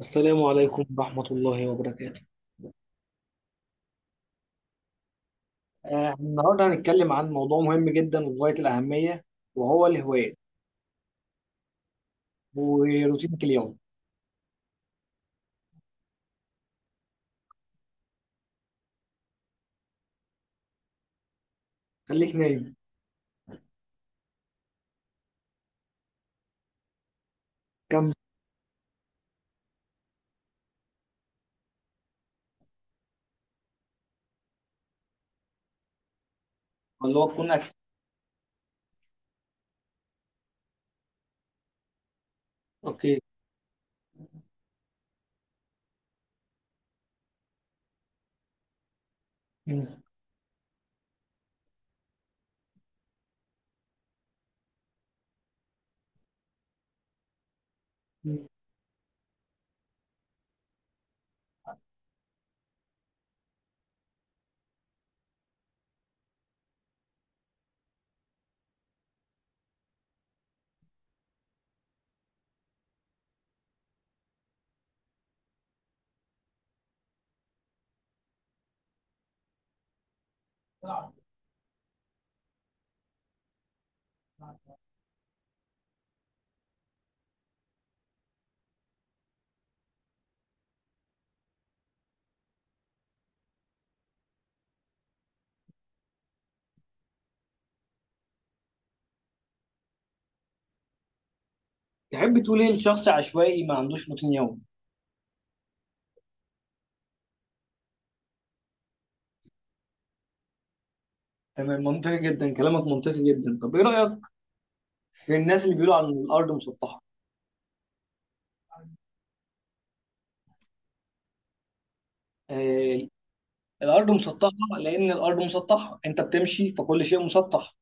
السلام عليكم ورحمة الله وبركاته. النهاردة هنتكلم عن موضوع مهم جدا وغاية الأهمية، وهو الهوايات وروتينك اليوم. خليك نايم. كمل. اللي هو تكون أكتف. أوكي. مم. مم. تحب تقول إيه لشخص عشوائي ما عندوش روتين يومي؟ تمام، منطقي جدا، كلامك منطقي جدا. طب إيه رأيك في الناس اللي بيقولوا عن الأرض مسطحة؟ آه، الأرض مسطحة، لأن الأرض مسطحة أنت بتمشي فكل شيء مسطح.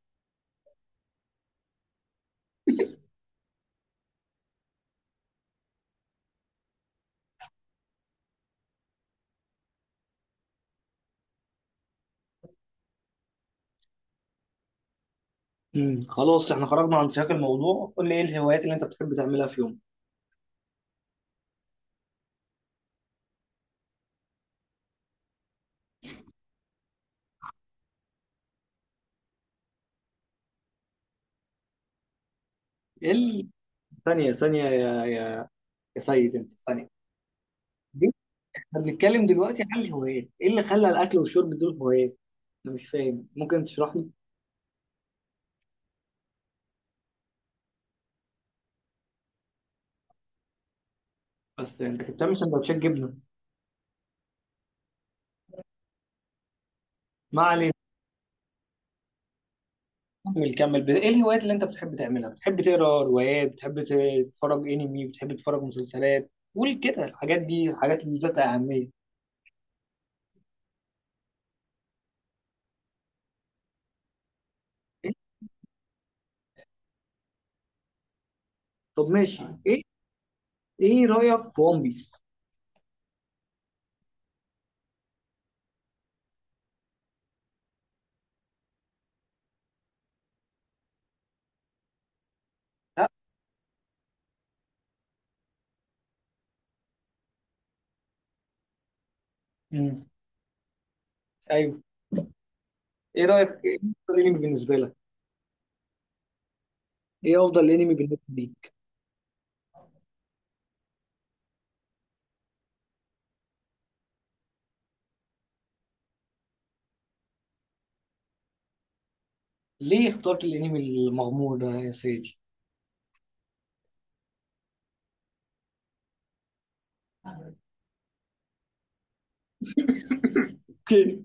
مم. خلاص، احنا خرجنا عن سياق الموضوع، قول لي ايه الهوايات اللي انت بتحب تعملها في يومك؟ ال- ثانية ثانية، يا يا يا سيد، انت ثانية دي. احنا بنتكلم دلوقتي عن الهوايات، ايه اللي خلى الاكل والشرب دول هوايات؟ انا مش فاهم، ممكن تشرح لي؟ بس انت كنت بتعمل سندوتشات جبنة. ما علينا، كمل كمل، ايه الهوايات اللي انت بتحب تعملها؟ بتحب تقرا روايات؟ بتحب تتفرج انمي؟ بتحب تتفرج مسلسلات؟ قول كده الحاجات دي، الحاجات اللي ذات اهمية. إيه؟ طب ماشي، ايه رأيك في ون بيس؟ امم ايوه. ايه رأيك، ايه افضل انمي بالنسبة لك؟ ايه افضل انمي بالنسبة لي؟ ليه اخترت الانمي المغمور ده يا سيدي؟ اوكي.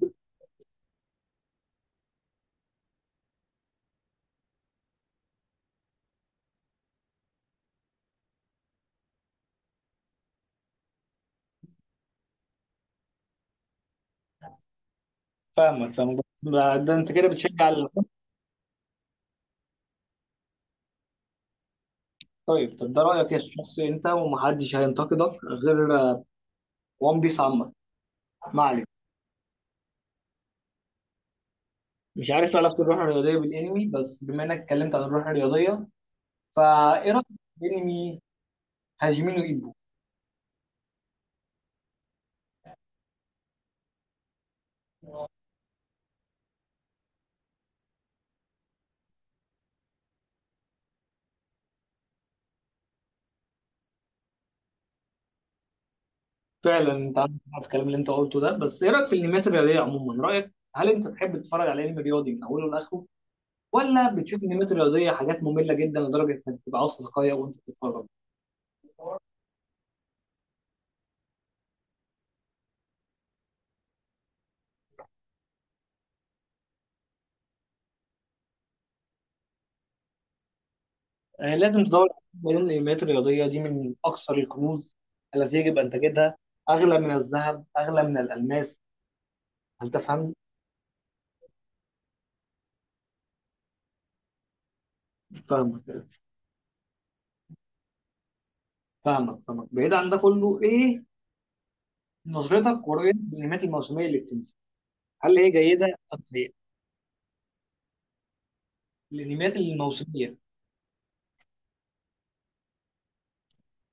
فاهمك فاهمك، بس ده انت كده بتشجع طيب طب ده رايك يا شخص، انت ومحدش هينتقدك، غير وان بيس عامه. ما عليك، مش عارف علاقه الروح الرياضيه بالانمي، بس بما انك اتكلمت عن الروح الرياضيه، فايه رايك في انمي هاجيمينو ايبو؟ فعلا انت عندك حق في الكلام اللي انت قلته ده، بس ايه رايك في الانميات الرياضيه عموما؟ رايك هل انت تحب تتفرج على انمي رياضي من اوله لاخره، ولا بتشوف انميات رياضيه حاجات ممله جدا لدرجه انك بتبقى عاوز تتقيأ وانت بتتفرج؟ يعني لازم تدور، لان الانميات الرياضيه دي من اكثر الكنوز التي يجب ان تجدها، اغلى من الذهب، اغلى من الالماس. هل تفهم؟ فاهمك فاهمك فاهمك، بعيد عن ده كله، ايه نظرتك ورؤيتك للانميات الموسميه اللي بتنزل؟ هل هي جيده ام سيئه؟ الانميات الموسميه،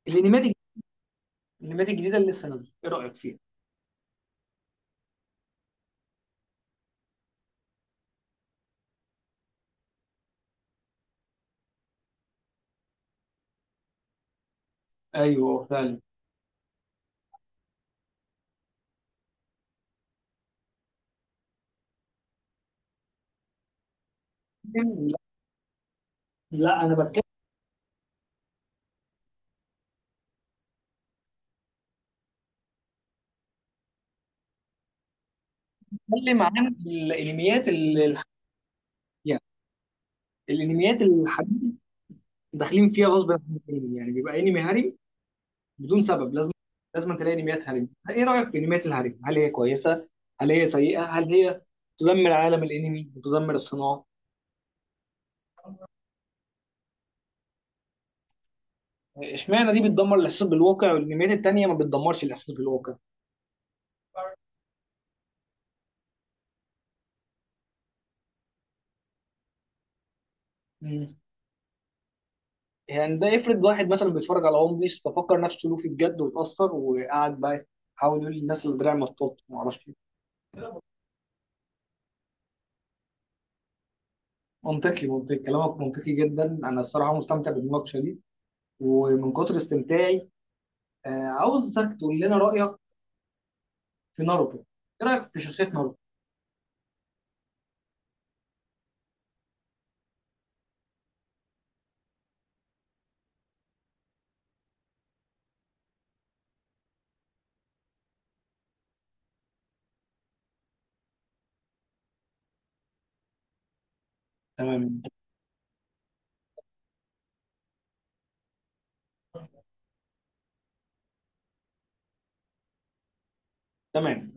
الانميات الج- الانميات الجديده اللي لسه نازله، ايه رايك فيها؟ ايوه فعلا. لا لا، انا بتكلم عن الانميات اللي، الانميات الحديثه داخلين فيها غصب عن الانمي. يعني بيبقى انمي هاري بدون سبب، لازم تلاقي انميات هاري. ايه رايك في انميات الهاري، هل هي كويسه، هل هي سيئه، هل هي تدمر عالم الانمي وتدمر الصناعه؟ اشمعنى دي بتدمر الاحساس بالواقع والانميات التانيه ما بتدمرش الاحساس بالواقع؟ مم. يعني ده افرض واحد مثلا بيتفرج على ون بيس ففكر نفسه لوفي بجد واتأثر وقعد بقى يحاول يقول للناس اللي دراعي مطاط، ما اعرفش. إيه. منطقي منطقي، كلامك منطقي جدا، انا الصراحه مستمتع بالمناقشه دي، ومن كتر استمتاعي آه، عاوزك تقول لنا رأيك في ناروتو. ايه رأيك في شخصية ناروتو؟ تمام تمام.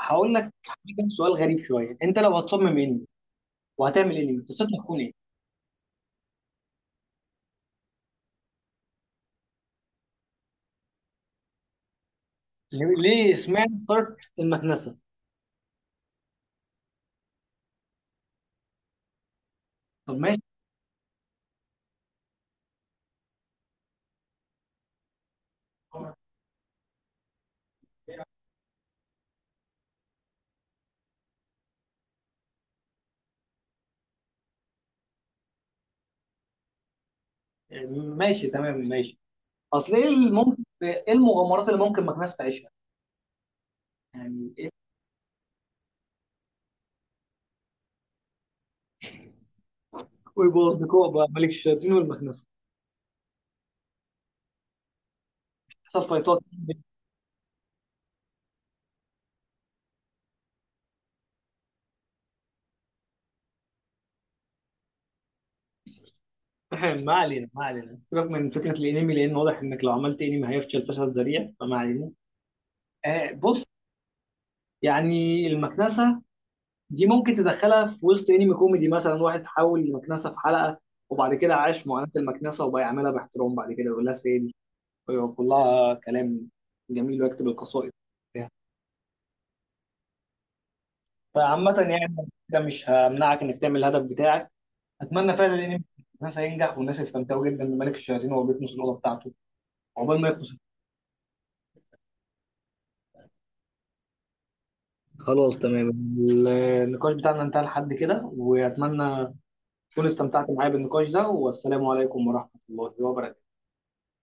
هقول لك حاجة، سؤال غريب شوية، انت لو هتصمم انمي وهتعمل انمي قصته هتكون ايه؟ ليه ليه اسمها ستارت المكنسة؟ طب ماشي. ماشي تمام ماشي. اصل ايه اللي ممكن، ايه المغامرات اللي ممكن مكنسة تعيشها؟ يعني ايه؟ ويبقوا اصدقاء بقى ملك الشياطين والمكنسة؟ حصل فايتات. ما علينا ما علينا، سيبك من فكره الانمي، لان واضح انك لو عملت انمي هيفشل فشل ذريع، فما علينا. آه بص، يعني المكنسه دي ممكن تدخلها في وسط انمي كوميدي، مثلا واحد حول المكنسه في حلقه وبعد كده عاش معاناه المكنسه وبقى يعملها باحترام، بعد كده يقول لها سيدي ويقول لها كلام جميل ويكتب القصائد فيها. فعامه يعني، ده مش همنعك انك تعمل الهدف بتاعك. اتمنى فعلا الانمي الناس هينجح والناس يستمتعوا جدا بملك الشياطين وهو بيكنس الاوضه بتاعته، عقبال ما يكنس. خلاص تمام، النقاش بتاعنا انتهى لحد كده، واتمنى تكونوا استمتعتوا معايا بالنقاش ده. والسلام عليكم ورحمة الله وبركاته.